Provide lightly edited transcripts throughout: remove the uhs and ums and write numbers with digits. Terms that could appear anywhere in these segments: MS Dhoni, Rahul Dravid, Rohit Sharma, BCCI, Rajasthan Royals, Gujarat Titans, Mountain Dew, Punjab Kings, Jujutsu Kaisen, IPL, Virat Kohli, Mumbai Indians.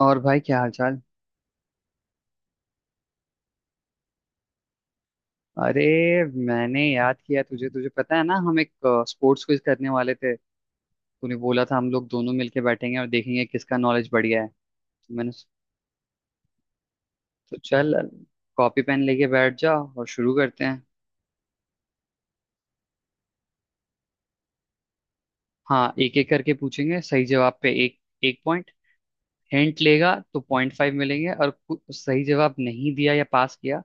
और भाई क्या हाल चाल? अरे, मैंने याद किया तुझे। तुझे पता है ना, हम एक स्पोर्ट्स क्विज करने वाले थे। तूने बोला था हम लोग दोनों मिलके बैठेंगे और देखेंगे किसका नॉलेज बढ़िया है। तो मैंने स- तो चल, कॉपी पेन लेके बैठ जा और शुरू करते हैं। हाँ, एक एक करके पूछेंगे, सही जवाब पे एक एक पॉइंट। हिंट लेगा तो 0.5 मिलेंगे, और सही जवाब नहीं दिया या पास किया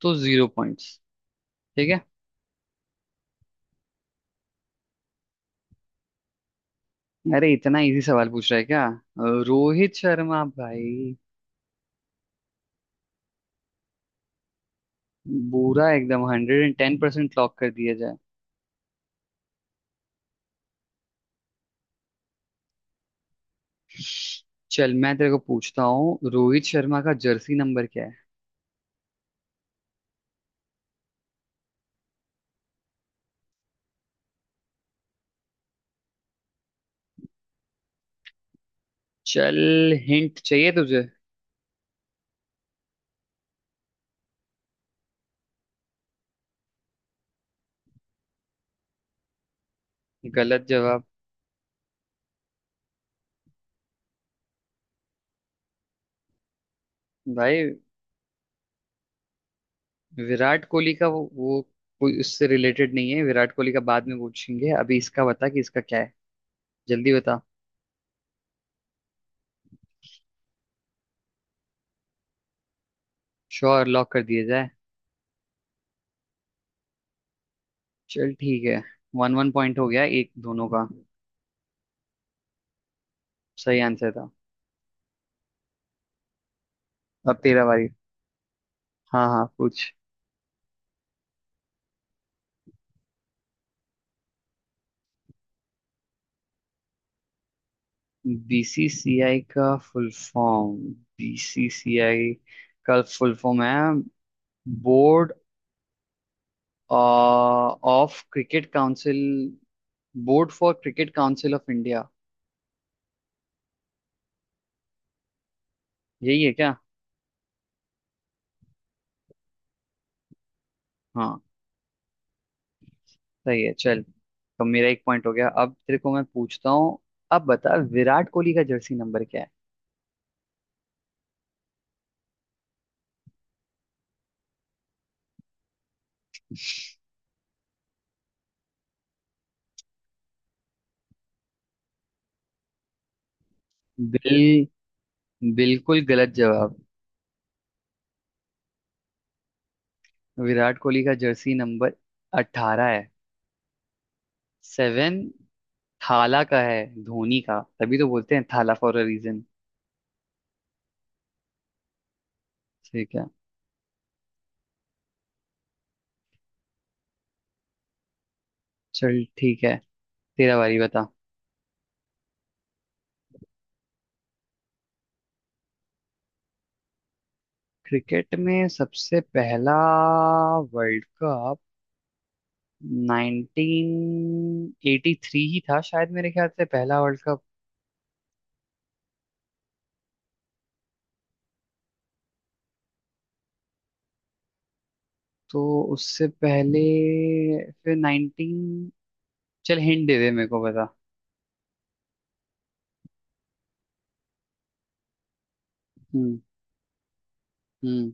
तो जीरो पॉइंट्स। ठीक है। अरे इतना इजी सवाल पूछ रहा है क्या? रोहित शर्मा भाई। बुरा एकदम 110% लॉक कर दिया जाए। चल, मैं तेरे को पूछता हूँ, रोहित शर्मा का जर्सी नंबर क्या है? चल, हिंट चाहिए तुझे? गलत जवाब। भाई विराट कोहली का वो कोई उससे रिलेटेड नहीं है। विराट कोहली का बाद में पूछेंगे, अभी इसका बता कि इसका क्या है, जल्दी बता। श्योर? लॉक कर दिया जाए। चल ठीक है। वन वन पॉइंट हो गया, एक दोनों का। सही आंसर था। अब तेरा बारी। हाँ हाँ, पूछ। बीसीसीआई का फुल फॉर्म। बीसीसीआई का फुल फॉर्म है board of cricket council, board for cricket council of India. यही है क्या? हाँ, सही है, चल। तो मेरा एक पॉइंट हो गया, अब तेरे को मैं पूछता हूँ। अब बता विराट कोहली का जर्सी नंबर क्या है? बिल बिल्कुल गलत जवाब। विराट कोहली का जर्सी नंबर 18 है। 7 थाला का है, धोनी का, तभी तो बोलते हैं थाला फॉर अ रीजन। ठीक है। चल ठीक है, तेरा बारी बता। क्रिकेट में सबसे पहला वर्ल्ड कप 1983 ही था शायद, मेरे ख्याल से पहला वर्ल्ड कप। तो उससे पहले, फिर 19... चल, हिंट दे दे मेरे को बता। हम्म। हम्म।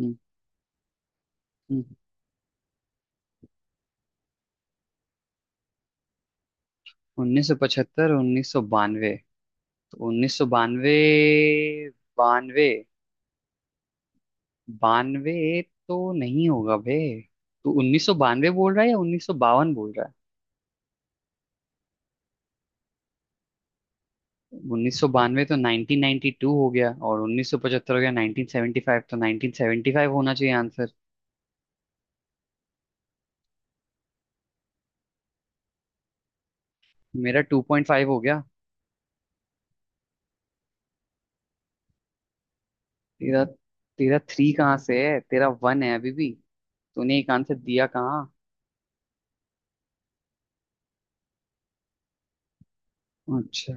हम्म। हम्म। 1975, 1992, तो 1992। बानवे, बानवे, बानवे तो नहीं होगा बे। तू 1992 बोल रहा है या 1952 बोल रहा है? 1992 तो 1992 हो गया, और 1975 हो गया, 1975 तो 1975 होना चाहिए आंसर। मेरा 2.5 हो गया। तेरा? तेरा थ्री कहाँ से है? तेरा वन है अभी भी, तूने एक आंसर दिया कहाँ? अच्छा।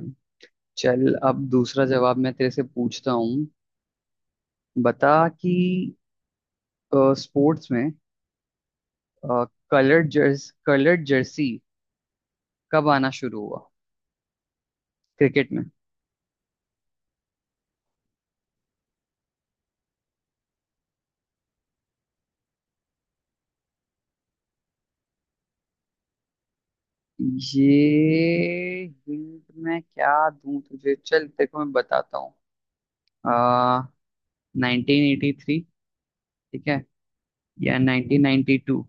चल, अब दूसरा जवाब मैं तेरे से पूछता हूँ, बता कि स्पोर्ट्स में कलर्ड जर्सी कब आना शुरू हुआ, क्रिकेट में। ये हिंट मैं क्या दूं तुझे? चल देखो, मैं बताता हूँ। आ, 1983 ठीक है, या 1992?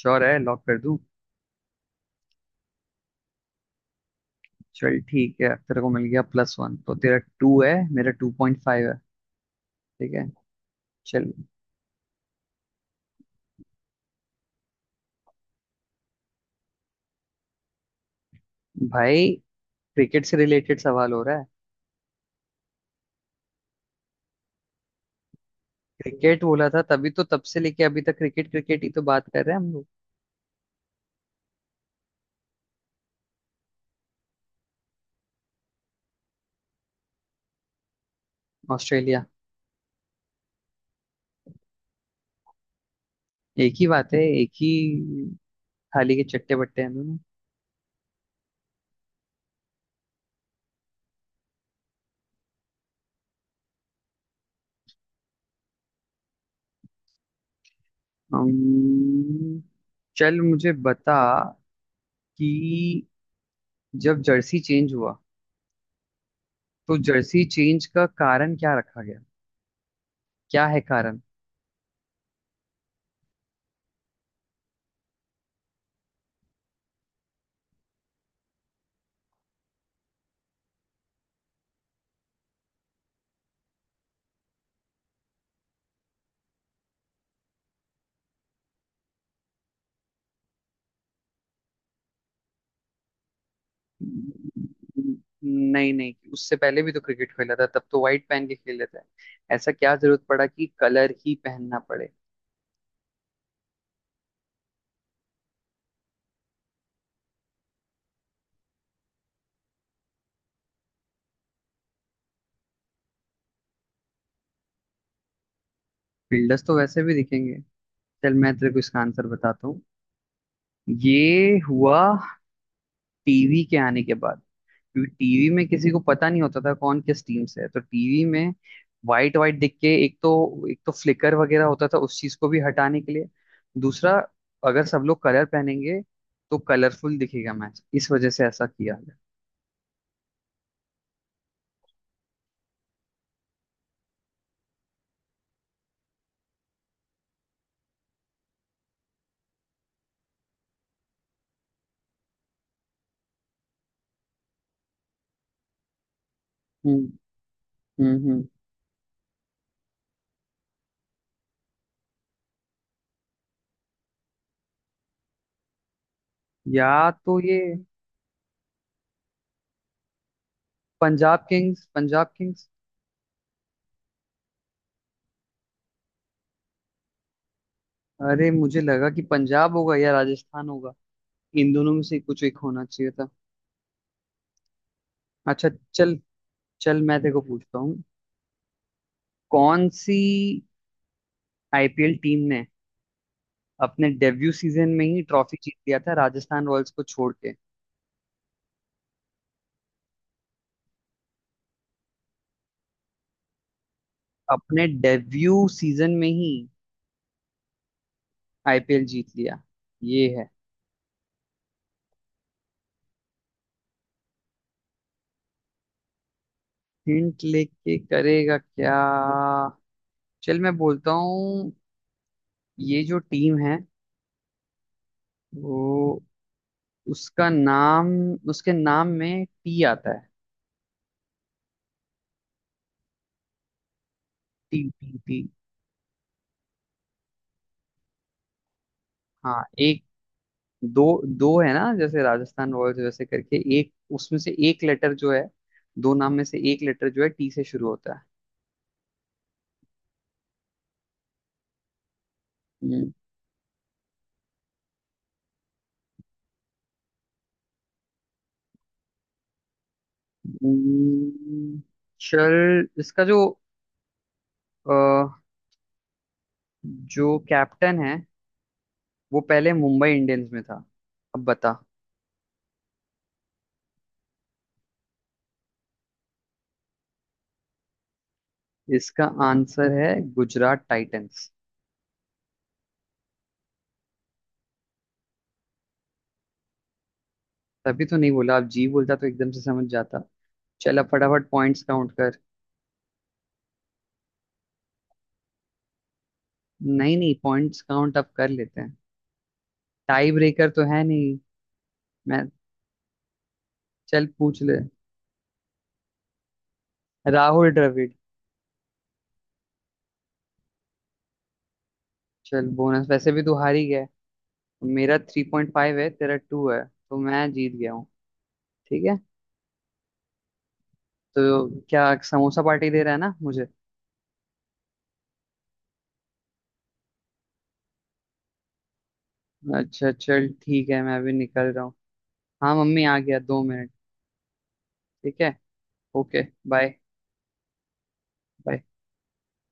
श्योर है? लॉक कर दूं। चल ठीक है, तेरे को मिल गया +1, तो तेरा टू है, मेरा 2.5 है। ठीक है, चल। भाई, क्रिकेट से रिलेटेड सवाल हो रहा है। क्रिकेट बोला था, तभी तो तब से लेके अभी तक क्रिकेट क्रिकेट ही तो बात कर रहे हैं हम लोग। ऑस्ट्रेलिया। एक ही बात है, एक ही, थाली के चट्टे बट्टे हैं हम। अम्म, चल मुझे बता कि जब जर्सी चेंज हुआ तो जर्सी चेंज का कारण क्या रखा गया? क्या है कारण? नहीं नहीं, उससे पहले भी तो क्रिकेट खेला था, तब तो व्हाइट पहन के खेल लेते हैं। ऐसा क्या जरूरत पड़ा कि कलर ही पहनना पड़े? फील्डर्स तो वैसे भी दिखेंगे। चल, मैं तेरे को इसका आंसर बताता हूँ। ये हुआ टीवी के आने के बाद। क्योंकि टीवी में किसी को पता नहीं होता था कौन किस टीम से है, तो टीवी में वाइट वाइट दिख के एक तो फ्लिकर वगैरह होता था, उस चीज को भी हटाने के लिए। दूसरा, अगर सब लोग कलर पहनेंगे तो कलरफुल दिखेगा मैच, इस वजह से ऐसा किया है। हम्म। हम्म। हम्म। या तो ये पंजाब किंग्स, पंजाब किंग्स। अरे मुझे लगा कि पंजाब होगा या राजस्थान होगा, इन दोनों में से कुछ एक होना चाहिए था। अच्छा। चल, चल मैं तेरे को पूछता हूँ, कौन सी आईपीएल टीम ने अपने डेब्यू सीजन में ही ट्रॉफी जीत लिया था, राजस्थान रॉयल्स को छोड़ के? अपने डेब्यू सीजन में ही आईपीएल जीत लिया, ये है। हिंट लेके करेगा क्या? चल मैं बोलता हूँ, ये जो टीम है वो, उसका नाम, उसके नाम में टी आता है। T T T. हाँ एक, दो, दो है ना? जैसे राजस्थान रॉयल्स, वैसे करके एक, उसमें से एक लेटर जो है, दो नाम में से एक लेटर जो है टी से शुरू होता है। हम्म। हम्म। चल, इसका जो अ, जो कैप्टन है वो पहले मुंबई इंडियंस में था। अब बता। इसका आंसर है गुजरात टाइटंस। तभी तो नहीं बोला, आप जी बोलता तो एकदम से समझ जाता। चल, अब फटाफट पॉइंट्स काउंट कर। नहीं नहीं, पॉइंट्स काउंट अब कर लेते हैं, टाई ब्रेकर तो है नहीं। मैं चल पूछ ले। राहुल द्रविड़। चल, बोनस वैसे भी तू हार ही गया। मेरा 3.5 है, तेरा टू है, तो मैं जीत गया हूँ। ठीक है। तो क्या समोसा पार्टी दे रहा है ना मुझे? अच्छा चल ठीक है, मैं अभी निकल रहा हूँ। हाँ मम्मी, आ गया, 2 मिनट। ठीक है। ओके। Bye bye.